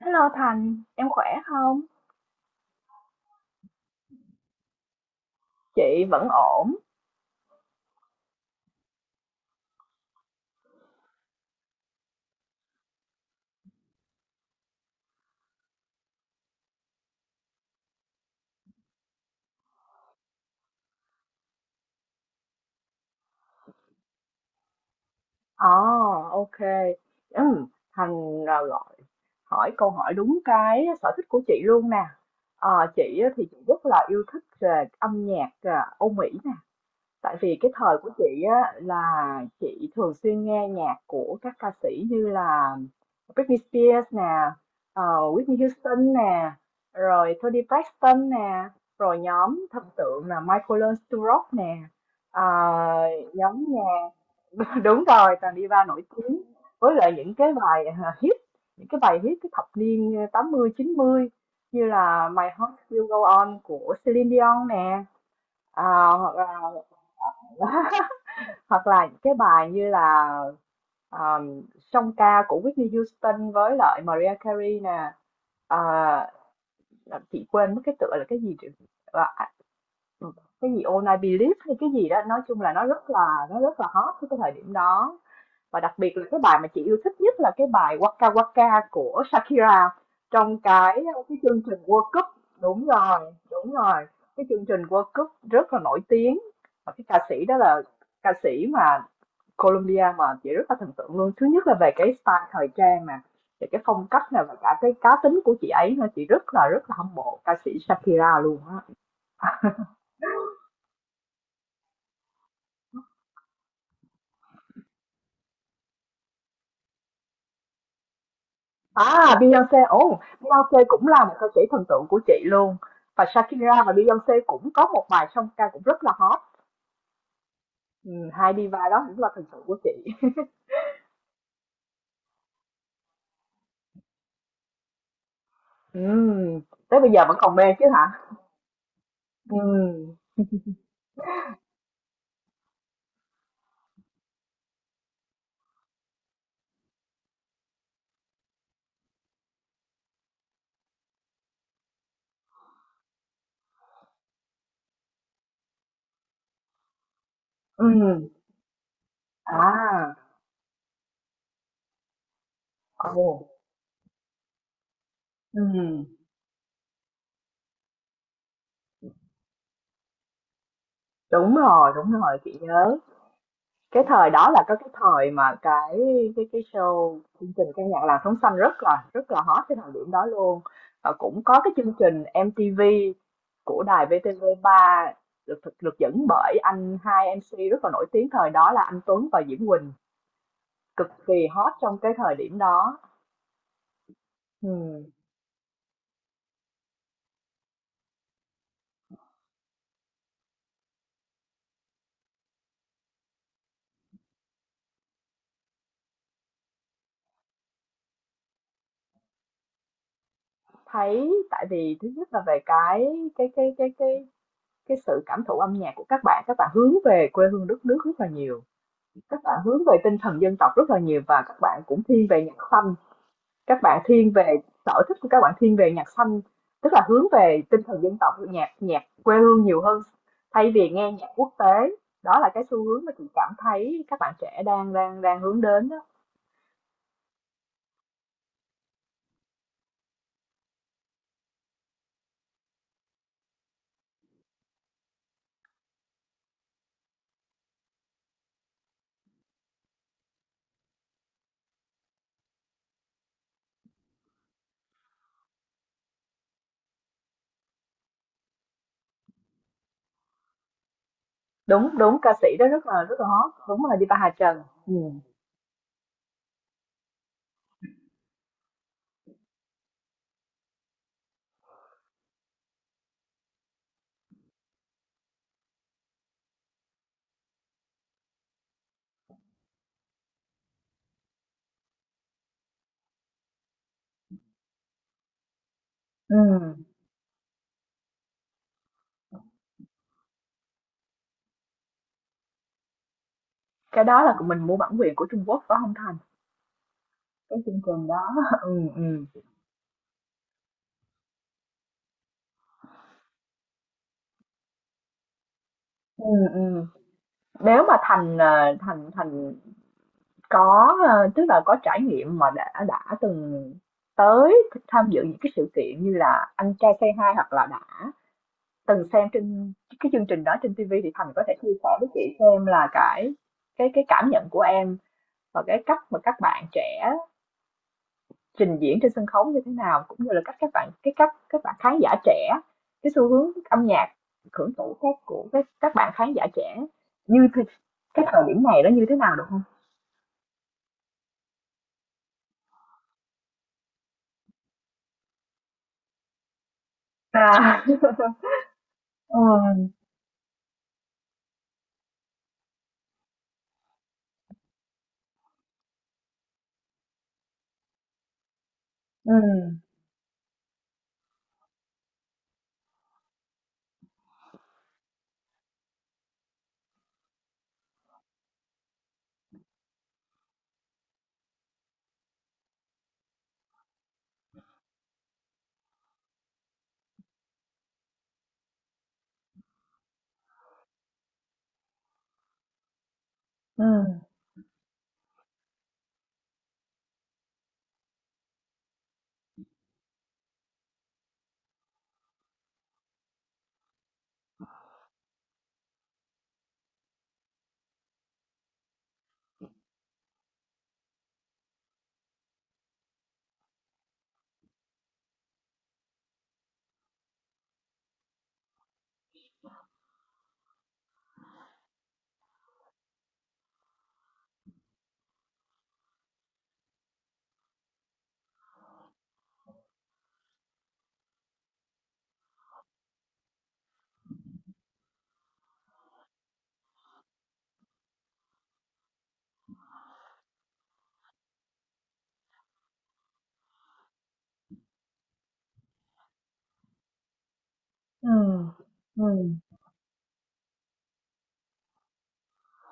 Hello Thành, em khỏe không? Chị vẫn ổn. Ồ, ok. Ừm, Thành à, gọi hỏi câu hỏi đúng cái sở thích của chị luôn nè. Ờ, chị á thì chị rất là yêu thích về âm nhạc à, Âu Mỹ nè. Tại vì cái thời của chị á là chị thường xuyên nghe nhạc của các ca sĩ như là Britney Spears nè, ờ, Whitney Houston nè, rồi Toni Braxton nè, rồi nhóm thần tượng là Michael Learns to Rock nè, ờ, nhóm nhạc đúng rồi, toàn diva nổi tiếng, với lại những cái bài hit cái thập niên 80 90 như là My Heart Will Go On của Celine Dion nè, ờ, hoặc là hoặc là những cái bài như là um, song ca của Whitney Houston với lại Mariah Carey nè, à, chị quên mất cái tựa là cái gì là, cái gì All I Believe hay cái gì đó, nói chung là nó rất là hot cái thời điểm đó. Và đặc biệt là cái bài mà chị yêu thích nhất là cái bài Waka Waka của Shakira trong cái chương trình World Cup. Đúng rồi, đúng rồi, cái chương trình World Cup rất là nổi tiếng, và cái ca sĩ đó là ca sĩ mà Colombia mà chị rất là thần tượng luôn. Thứ nhất là về cái style thời trang nè, về cái phong cách nè và cả cái cá tính của chị ấy nữa, chị rất là hâm mộ ca sĩ Shakira luôn á. À, Beyoncé, ồ, Beyoncé cũng là một ca sĩ thần tượng của chị luôn. Và Shakira và Beyoncé cũng có một bài song ca cũng rất là hot. Ừ, hai diva đó cũng là thần tượng của chị. Ừ, tới bây giờ vẫn còn mê chứ hả? Ừ, ừ, à, ồ, ừ, đúng rồi, chị nhớ. Cái thời đó là có cái thời mà cái show chương trình ca nhạc làng sống xanh rất là hot cái thời điểm đó luôn. Và cũng có cái chương trình MTV của đài VTV3 được dẫn bởi anh hai MC rất là nổi tiếng thời đó là anh Tuấn và Diễm Quỳnh, cực kỳ hot trong cái thời điểm đó. Ừm, thấy, tại vì thứ nhất là về cái cái cái cái cái sự cảm thụ âm nhạc của các bạn hướng về quê hương đất nước rất là nhiều, các bạn hướng về tinh thần dân tộc rất là nhiều và các bạn cũng thiên về nhạc xanh, các bạn thiên về sở thích của các bạn thiên về nhạc xanh, tức là hướng về tinh thần dân tộc, nhạc nhạc quê hương nhiều hơn thay vì nghe nhạc quốc tế. Đó là cái xu hướng mà chị cảm thấy các bạn trẻ đang đang đang hướng đến đó. Đúng, đúng, ca sĩ đó rất là hot, đúng là Diva Hà Trần, ừ. Ừ. Cái đó là mình mua bản quyền của Trung Quốc phải không Thành? Cái chương trình đó ừ, ừ. Ừ, ừ. Nếu mà Thành, ờ, Thành Thành có, ờ, tức là có trải nghiệm mà đã từng tới tham dự những cái sự kiện như là Anh Trai Say Hi hoặc là đã từng xem trên cái chương trình đó trên TV thì Thành có thể chia sẻ với chị xem là cái cảm nhận của em và cái cách mà các bạn trẻ trình diễn trên sân khấu như thế nào, cũng như là cách các bạn cái cách các bạn khán giả trẻ, cái xu hướng âm nhạc hưởng thụ khác của các bạn khán giả trẻ như thế, cái thời điểm này nó như thế nào được không? À. ừ, ừ, ừ, ừ, ừ.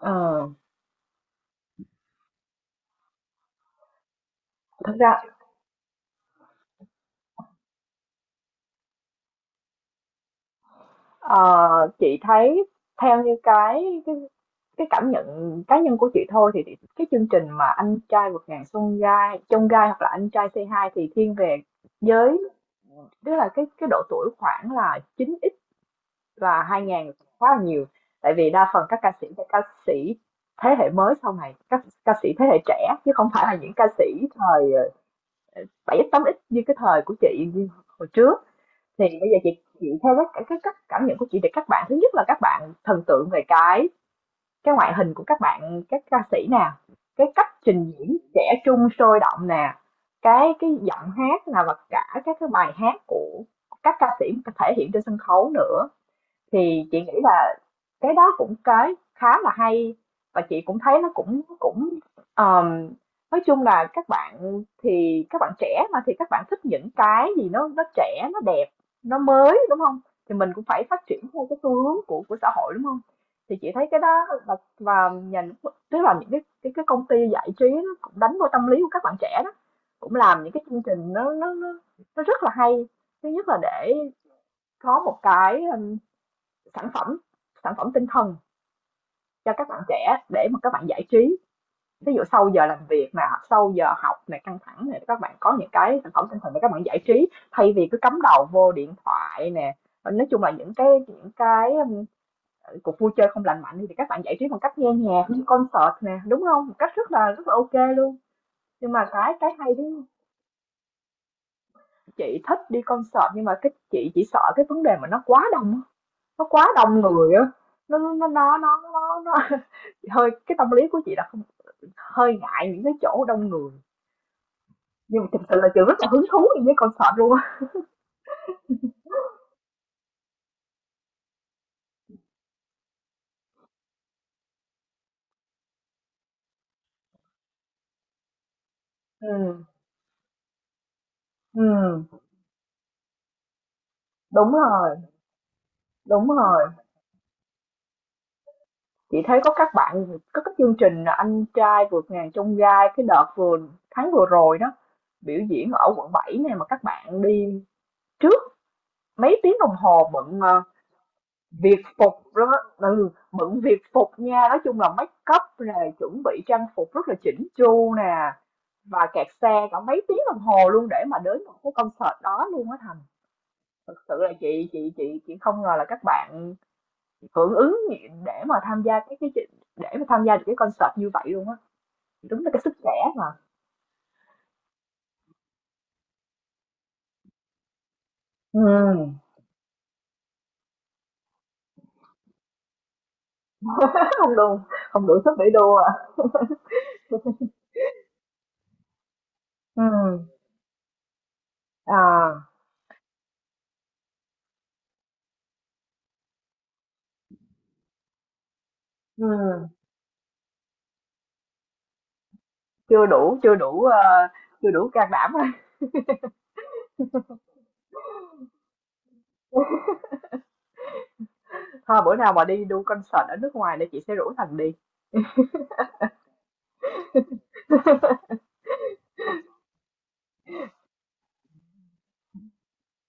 Ờ, thật ra ờ, chị thấy theo như cái cảm nhận cá nhân của chị thôi thì cái chương trình mà anh trai vượt ngàn chông gai hoặc là anh trai c hai thì thiên về giới. Tức là cái độ tuổi khoảng là 9X và 2000 khá là nhiều. Tại vì đa phần các ca sĩ là ca sĩ thế hệ mới sau này, các ca sĩ thế hệ trẻ chứ không phải là những ca sĩ thời 7X 8X như cái thời của chị như hồi trước. Thì bây giờ chị theo cái cách cảm nhận của chị thì các bạn thứ nhất là các bạn thần tượng về cái ngoại hình của các bạn các ca sĩ nè, cái cách trình diễn trẻ trung sôi động nè, cái giọng hát là và cả các cái bài hát của các ca sĩ thể hiện trên sân khấu nữa. Thì chị nghĩ là cái đó cũng cái khá là hay, và chị cũng thấy nó cũng cũng ờm, nói chung là các bạn thì các bạn trẻ mà thì các bạn thích những cái gì nó trẻ nó đẹp nó mới đúng không? Thì mình cũng phải phát triển theo cái xu hướng của xã hội đúng không? Thì chị thấy cái đó là, và nhà nước- tức là những cái công ty giải trí nó cũng đánh vô tâm lý của các bạn trẻ đó, cũng làm những cái chương trình nó rất là hay. Thứ nhất là để có một cái Sản phẩm, sản phẩm tinh thần cho các bạn trẻ để mà các bạn giải trí. Ví dụ sau giờ làm việc nè, sau giờ học này căng thẳng này các bạn có những cái sản phẩm tinh thần để các bạn giải trí thay vì cứ cắm đầu vô điện thoại nè. Ờ, nói chung là những cái cuộc vui chơi không lành mạnh thì các bạn giải trí bằng cách nghe nhạc, đi concert nè, đúng không? Một cách rất là ok luôn. Nhưng mà cái hay đấy, chị thích đi concert nhưng mà cái chị chỉ sợ cái vấn đề mà nó quá đông người á. Nó nó nó nó nó Hơi, cái tâm lý của chị là không, hơi ngại những cái chỗ đông người, nhưng mà thực sự là chị rất là hứng thú đi với concert luôn á. Ừm, đúng rồi, đúng rồi. Chị thấy có các chương trình là Anh trai vượt ngàn chông gai cái đợt vừa tháng vừa rồi đó, biểu diễn ở quận 7 này mà các bạn đi trước mấy tiếng đồng hồ, bận ờ, việt phục đó, ừ, bận việt phục nha, nói chung là make up này chuẩn bị trang phục rất là chỉnh chu nè, và kẹt xe cả mấy tiếng đồng hồ luôn để mà đến một cái concert đó luôn á Thành. Thực sự là chị không ngờ là các bạn hưởng ứng để mà tham gia để mà tham gia được cái concert như vậy luôn á, đúng là cái sức trẻ mà. Ừ, không đủ không đủ sức để đua à. Ừ à ừ, chưa đủ chưa đủ ờ, chưa đủ can đảm thôi. Thôi bữa nào mà đi đu concert ở nước ngoài thì chị sẽ rủ Thành đi.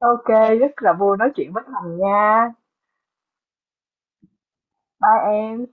Ok, rất là vui nói chuyện với Thành nha. Bye em.